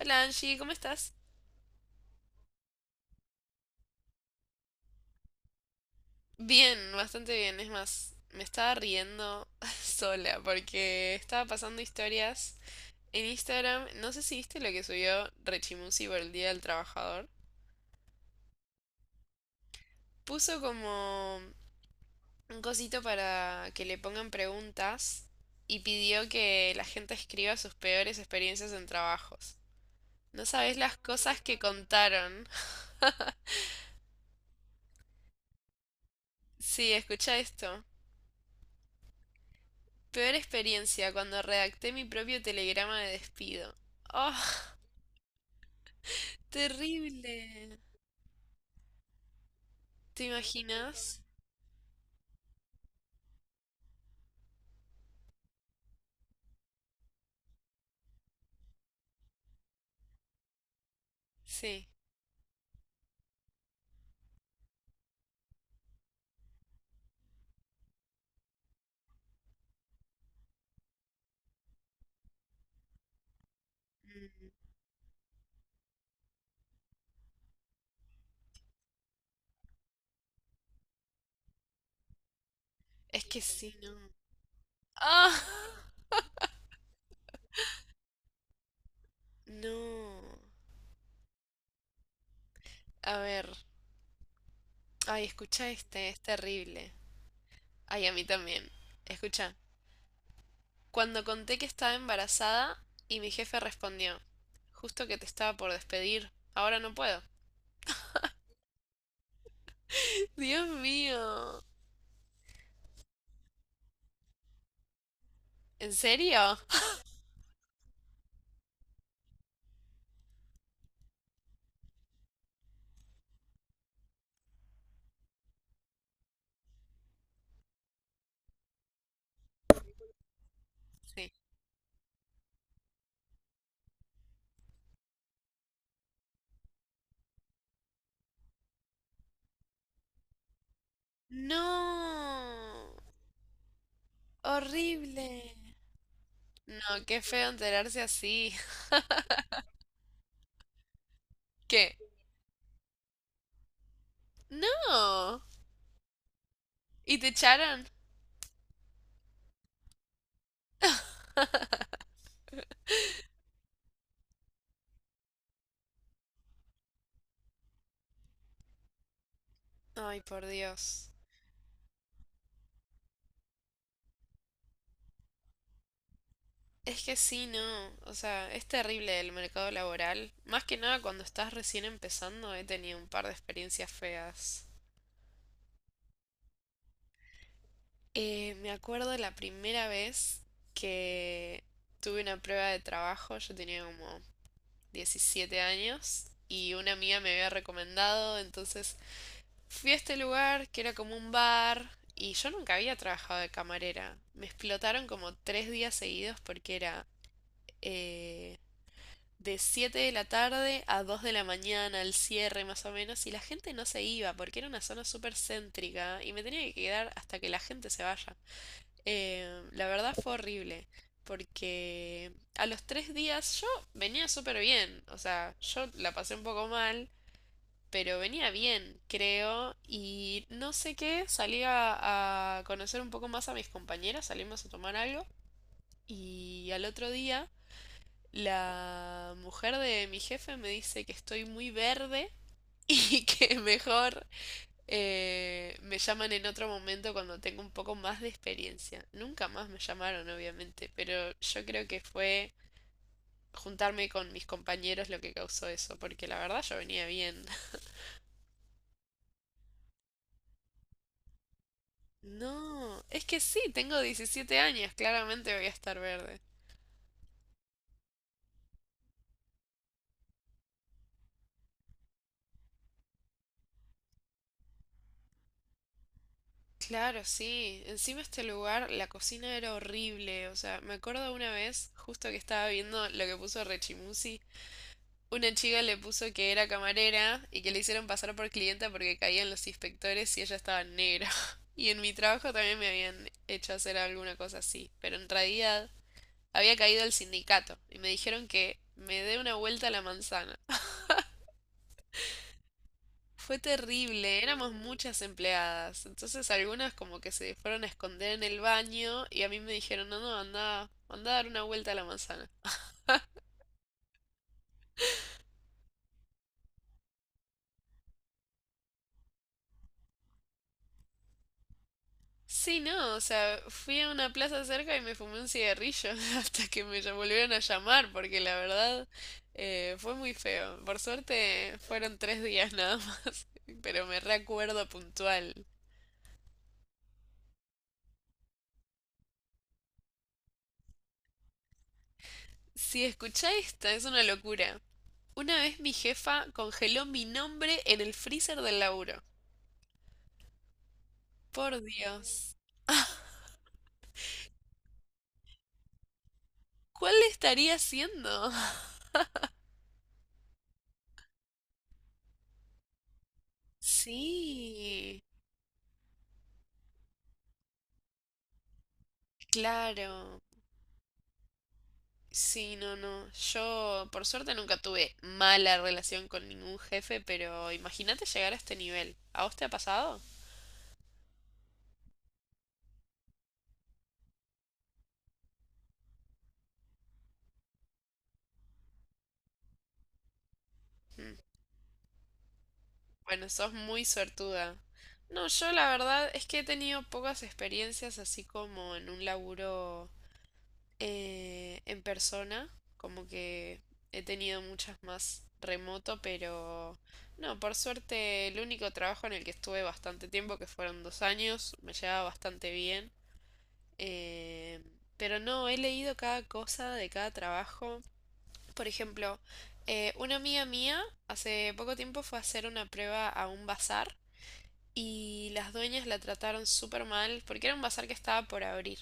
Hola Angie, ¿cómo estás? Bien, bastante bien. Es más, me estaba riendo sola porque estaba pasando historias en Instagram. No sé si viste lo que subió Rechimusi por el Día del Trabajador. Puso como un cosito para que le pongan preguntas y pidió que la gente escriba sus peores experiencias en trabajos. No sabes las cosas que contaron. Sí, escucha esto. Peor experiencia cuando redacté mi propio telegrama de despido. Oh. Terrible. ¿Te imaginas? Sí. Mm. Es que sí, no. ¡Ah! No. A ver. Ay, escucha este, es terrible. Ay, a mí también. Escucha. Cuando conté que estaba embarazada y mi jefe respondió, justo que te estaba por despedir, ahora no puedo. Dios mío. ¿En serio? Sí. No. Horrible. No, qué feo enterarse así. ¿Qué? No. ¿Y te echaron? Ay, por Dios. Es que sí, no. O sea, es terrible el mercado laboral. Más que nada cuando estás recién empezando, he tenido un par de experiencias feas. Me acuerdo la primera vez que tuve una prueba de trabajo, yo tenía como 17 años y una amiga me había recomendado, entonces fui a este lugar que era como un bar y yo nunca había trabajado de camarera. Me explotaron como 3 días seguidos porque era eh, de 7 de la tarde a 2 de la mañana, al cierre más o menos, y la gente no se iba porque era una zona súper céntrica y me tenía que quedar hasta que la gente se vaya. La verdad fue horrible porque a los 3 días yo venía súper bien, o sea, yo la pasé un poco mal, pero venía bien, creo, y no sé qué, salí a conocer un poco más a mis compañeras, salimos a tomar algo, y al otro día la mujer de mi jefe me dice que estoy muy verde y que mejor me llaman en otro momento cuando tengo un poco más de experiencia. Nunca más me llamaron, obviamente, pero yo creo que fue juntarme con mis compañeros lo que causó eso, porque la verdad yo venía bien. No, es que sí, tengo 17 años, claramente voy a estar verde. Claro, sí. Encima este lugar, la cocina era horrible. O sea, me acuerdo una vez, justo que estaba viendo lo que puso Rechimusi, una chica le puso que era camarera y que le hicieron pasar por clienta porque caían los inspectores y ella estaba negra. Y en mi trabajo también me habían hecho hacer alguna cosa así, pero en realidad había caído el sindicato y me dijeron que me dé una vuelta a la manzana. Fue terrible, éramos muchas empleadas, entonces algunas como que se fueron a esconder en el baño y a mí me dijeron, no, no, anda, anda a dar una vuelta a la manzana. Sí, no, o sea, fui a una plaza cerca y me fumé un cigarrillo hasta que volvieron a llamar porque la verdad fue muy feo. Por suerte fueron 3 días nada más, pero me recuerdo puntual. Si escuchá esta, es una locura. Una vez mi jefa congeló mi nombre en el freezer del laburo. Por Dios. ¿Cuál estaría haciendo? Sí, claro. Sí, no, no. Yo, por suerte, nunca tuve mala relación con ningún jefe, pero imagínate llegar a este nivel. ¿A vos te ha pasado? Mm. Bueno, sos muy suertuda. No, yo la verdad es que he tenido pocas experiencias así como en un laburo en persona, como que he tenido muchas más remoto, pero no, por suerte el único trabajo en el que estuve bastante tiempo, que fueron 2 años, me llevaba bastante bien. eh, pero no, he leído cada cosa de cada trabajo. Por ejemplo, una amiga mía hace poco tiempo fue a hacer una prueba a un bazar y las dueñas la trataron súper mal porque era un bazar que estaba por abrir.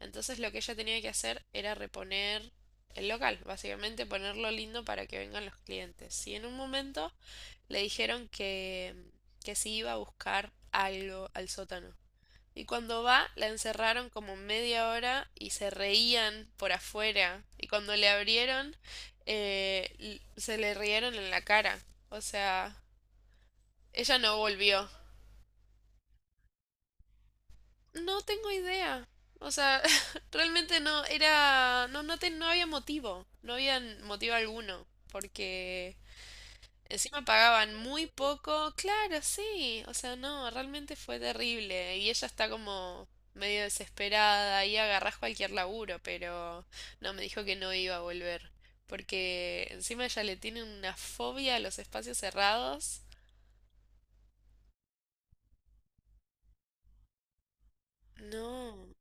Entonces lo que ella tenía que hacer era reponer el local, básicamente ponerlo lindo para que vengan los clientes. Y en un momento le dijeron que si iba a buscar algo al sótano. Y cuando va, la encerraron como media hora y se reían por afuera. Y cuando le abrieron, eh, se le rieron en la cara. O sea, ella no volvió. No tengo idea. O sea, realmente no era, no, no, no había motivo, no había motivo alguno, porque encima pagaban muy poco, claro, sí, o sea, no, realmente fue terrible y ella está como medio desesperada y agarrás cualquier laburo, pero no, me dijo que no iba a volver, porque encima ella le tiene una fobia a los espacios cerrados. No,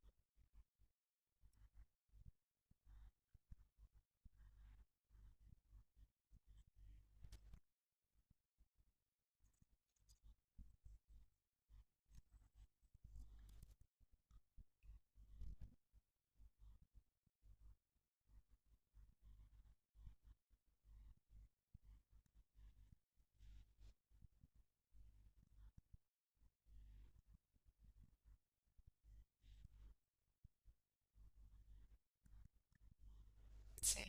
sí.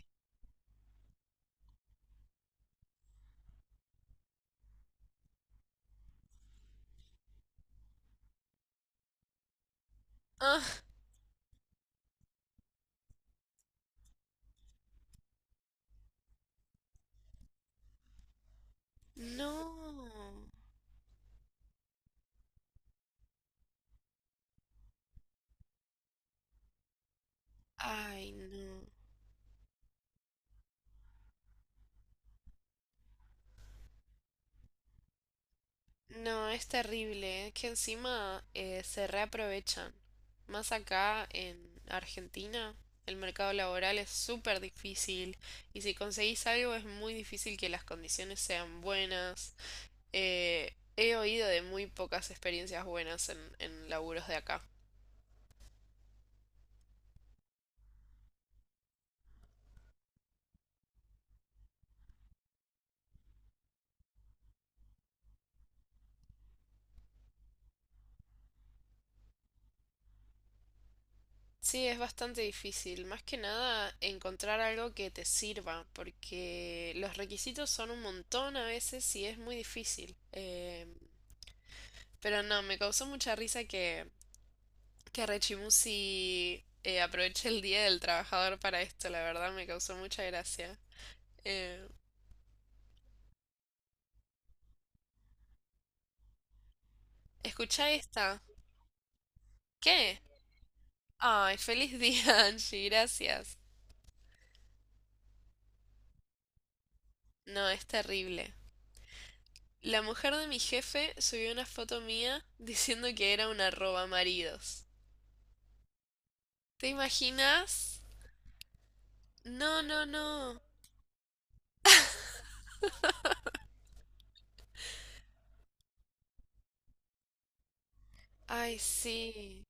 Ah, no. Ay, no. No, es terrible, es que encima se reaprovechan. Más acá en Argentina, el mercado laboral es súper difícil y si conseguís algo es muy difícil que las condiciones sean buenas. He oído de muy pocas experiencias buenas en laburos de acá. Sí, es bastante difícil. Más que nada encontrar algo que te sirva, porque los requisitos son un montón a veces y es muy difícil. Pero no, me causó mucha risa que Rechimusi aproveche el Día del Trabajador para esto, la verdad me causó mucha gracia. Eh, Escuchá esta. ¿Qué? Ay, feliz día, Angie, gracias. No, es terrible. La mujer de mi jefe subió una foto mía diciendo que era una roba maridos. ¿Te imaginas? No, no, no. Ay, sí.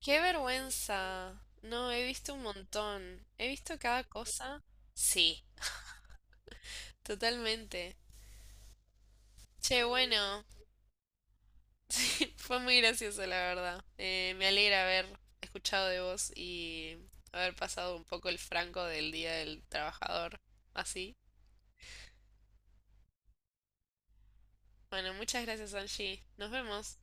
Qué vergüenza. No, he visto un montón. He visto cada cosa. Sí. Totalmente. Che, bueno, sí, fue muy gracioso, la verdad. Me alegra haber escuchado de vos y haber pasado un poco el franco del Día del Trabajador. Así. Bueno, muchas gracias, Angie. Nos vemos.